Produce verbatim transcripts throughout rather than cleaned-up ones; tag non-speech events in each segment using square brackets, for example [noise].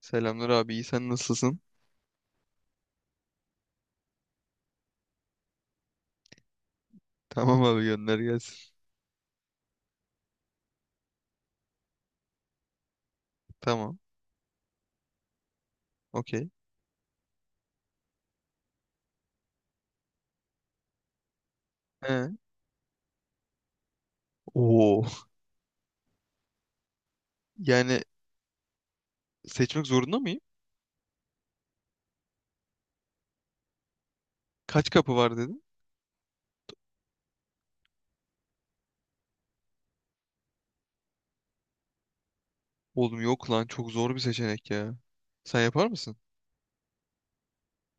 Selamlar abi, iyi, sen nasılsın? [laughs] Tamam abi, gönder gelsin. Tamam. Okey. He. Oo. Yani Seçmek zorunda mıyım? Kaç kapı var dedim. Oğlum yok lan, çok zor bir seçenek ya. Sen yapar mısın?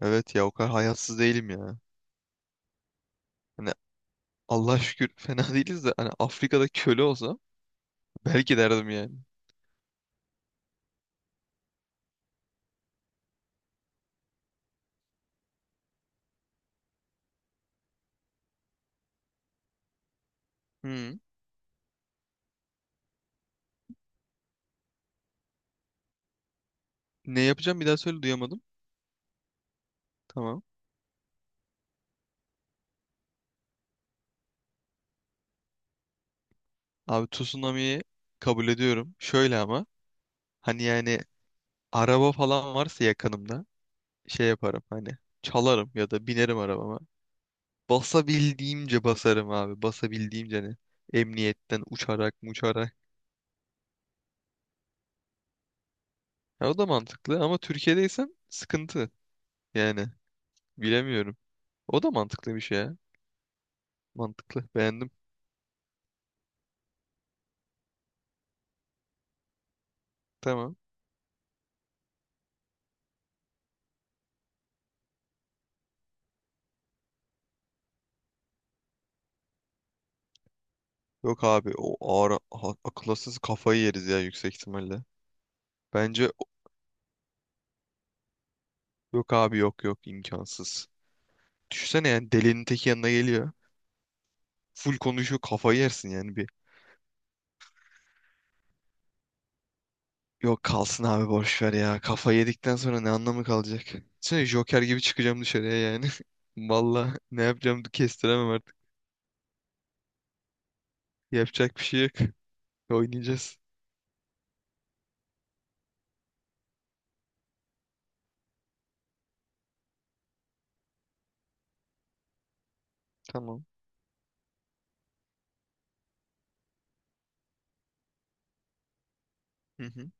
Evet ya, o kadar hayatsız değilim ya. Hani Allah şükür, [laughs] fena değiliz, de hani Afrika'da köle olsa belki derdim yani. Hmm. Ne yapacağım, bir daha söyle, duyamadım. Tamam. Abi tsunamiyi kabul ediyorum. Şöyle ama, hani yani araba falan varsa yakınımda şey yaparım, hani çalarım ya da binerim arabama. Basabildiğimce basarım abi. Basabildiğimce hani emniyetten uçarak uçarak. Ya o da mantıklı ama Türkiye'deysen sıkıntı. Yani Bilemiyorum. O da mantıklı bir şey ya. Mantıklı. Beğendim. Tamam. Yok abi, o ağır ha- akılasız kafayı yeriz ya, yüksek ihtimalle. Bence yok abi, yok yok, imkansız. Düşünsene, yani delinin teki yanına geliyor. Full konuşuyor, kafayı yersin yani bir. Yok kalsın abi, boş ver ya. Kafa yedikten sonra ne anlamı kalacak? Sen Joker gibi çıkacağım dışarıya yani. [laughs] Valla ne yapacağım, kestiremem artık. Yapacak bir şey yok. Oynayacağız. Tamam. Hı hı.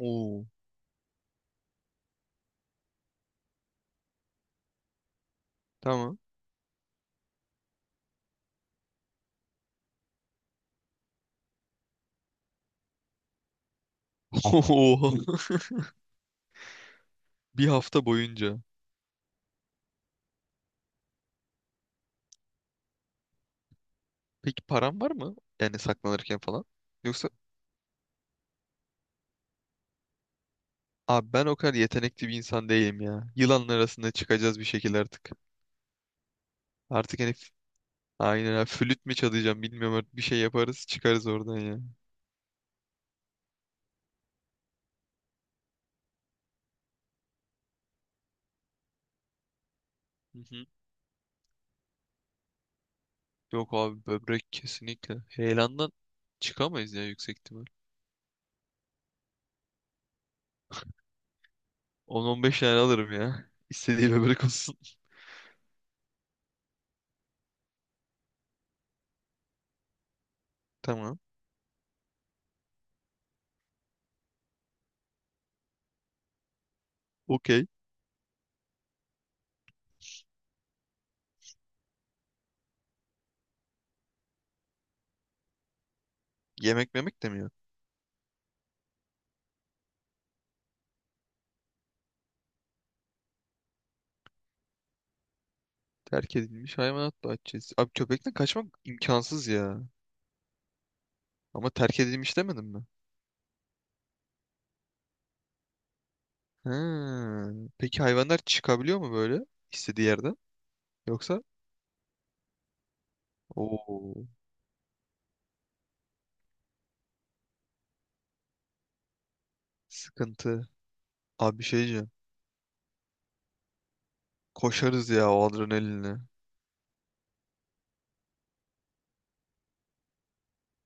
Oo. Tamam. [laughs] Oo. Bir hafta boyunca. Peki param var mı? Yani saklanırken falan. Yoksa abi, ben o kadar yetenekli bir insan değilim ya. Yılanlar arasında çıkacağız bir şekilde artık. Artık hani f- aynen abi, flüt mü çalacağım bilmiyorum artık. Bir şey yaparız, çıkarız oradan ya. Hı hı. Yok abi, böbrek kesinlikle. Heyelandan çıkamayız ya, yüksek ihtimal. on, on beş tane alırım ya. [laughs] İstediği böbrek olsun. [laughs] Tamam. Okey. Yemek memek demiyor. Terk edilmiş hayvanat bahçesi. Abi köpekten kaçmak imkansız ya. Ama terk edilmiş demedim mi? Ha. Peki hayvanlar çıkabiliyor mu böyle istediği yerden? Yoksa? Oo. Sıkıntı. Abi bir şey diyeceğim. Koşarız ya, o adrenalinle.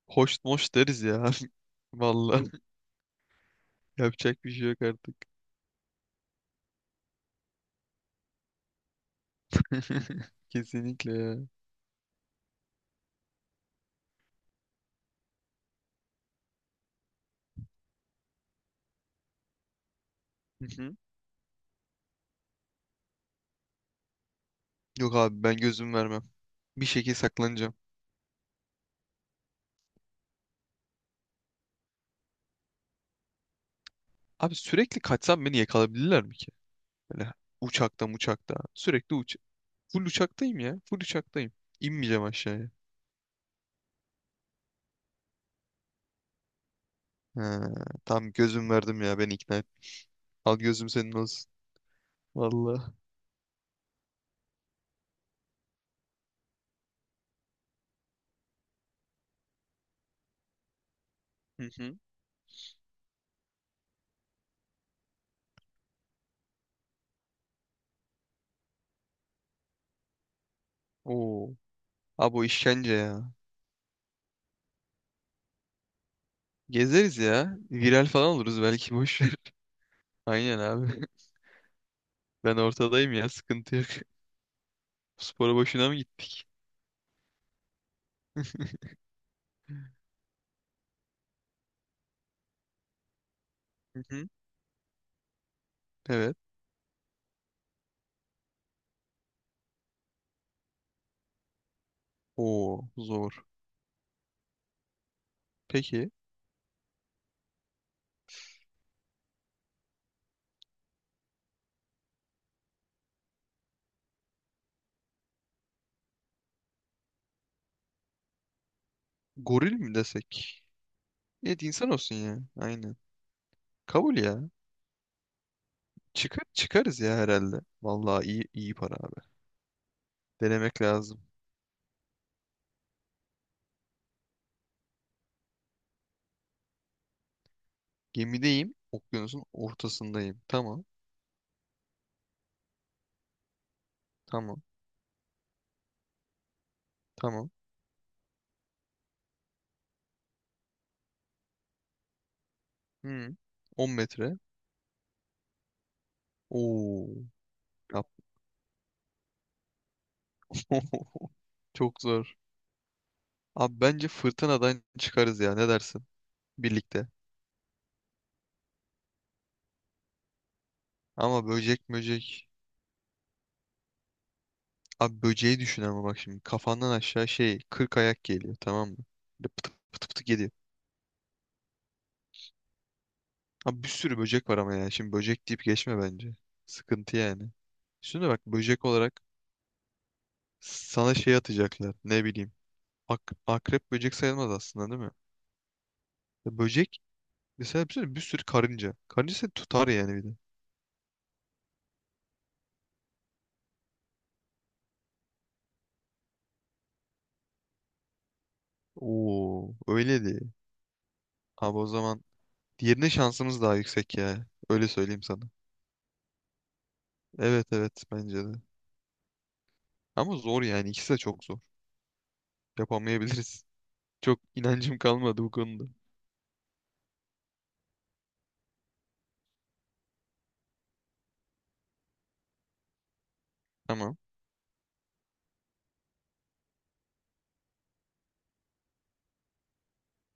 Hoş moş deriz ya. [laughs] Vallahi, [laughs] yapacak bir şey yok artık. [laughs] Kesinlikle ya. Hı hı. Yok abi, ben gözüm vermem. Bir şekilde saklanacağım. Abi sürekli kaçsam beni yakalayabilirler mi ki? Böyle uçakta uçakta. Sürekli uç, full uçaktayım ya. Full uçaktayım. İnmeyeceğim aşağıya. Ha, tam gözüm verdim ya, beni ikna et. Al gözüm senin olsun. Vallahi. Hı hı. Oo. Abi o işkence ya. Gezeriz ya. Viral falan oluruz belki, boş ver. [laughs] Aynen abi. [laughs] Ben ortadayım ya, sıkıntı yok. [laughs] Spora boşuna mı gittik? Hı hı. Evet. Oo zor. Peki goril mi desek? Evet, insan olsun ya. Aynen. Kabul ya. Çıkar, çıkarız ya herhalde. Vallahi iyi iyi para abi. Denemek lazım. Gemideyim. Okyanusun ortasındayım. Tamam. Tamam. Tamam. Hı. on metre. Oo. Yap. [laughs] Çok zor. Abi bence fırtınadan çıkarız ya. Ne dersin? Birlikte. Ama böcek möcek. Abi böceği düşün ama bak şimdi. Kafandan aşağı şey kırk ayak geliyor, tamam mı? Böyle pıtı pıtı pıtı. Abi bir sürü böcek var ama ya. Şimdi böcek deyip geçme bence. Sıkıntı yani. Şimdi bak, böcek olarak sana şey atacaklar. Ne bileyim. Ak akrep böcek sayılmaz aslında, değil mi? Ya böcek mesela bir sürü, bir sürü karınca. Karınca seni tutar yani bir de. Oo öyle değil. Abi o zaman diğerine şansımız daha yüksek ya. Öyle söyleyeyim sana. Evet evet, bence de. Ama zor yani, ikisi de çok zor. Yapamayabiliriz. Çok inancım kalmadı bu konuda. Tamam.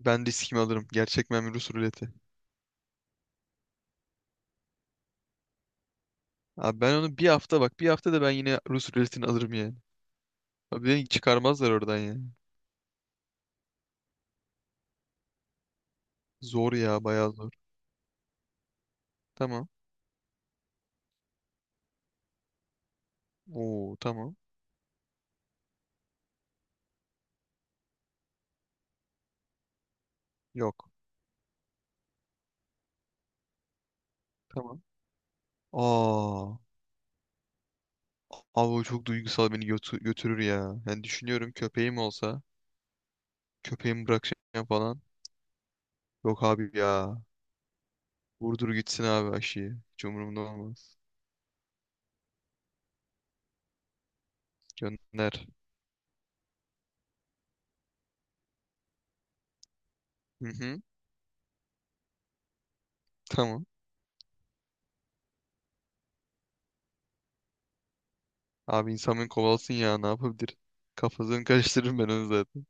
Ben riskimi alırım. Gerçek memur Rus ruleti. Abi ben onu bir hafta, bak bir hafta da ben yine Rus ruletini alırım yani. Abi beni çıkarmazlar oradan yani. Zor ya, bayağı zor. Tamam. Oo tamam. Yok. Tamam. Aa. Abi o çok duygusal, beni götü- götürür ya. Yani düşünüyorum köpeğim olsa. Köpeğimi bırakacağım falan. Yok abi ya. Vurdur gitsin abi aşıyı. Hiç umurumda olmaz. Gönder. Hı hı. Tamam. Abi insan beni kovalasın ya, ne yapabilir? Kafasını karıştırırım ben onu zaten.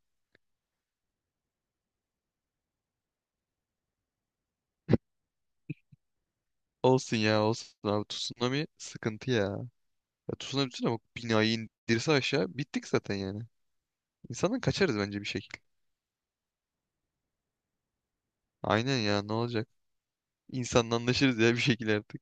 Olsun ya, olsun abi. Tsunami sıkıntı ya. Ya tutunabilsin ama binayı indirse aşağı bittik zaten yani. İnsandan kaçarız bence bir şekil. Aynen ya, ne olacak? İnsanla anlaşırız ya bir şekilde artık.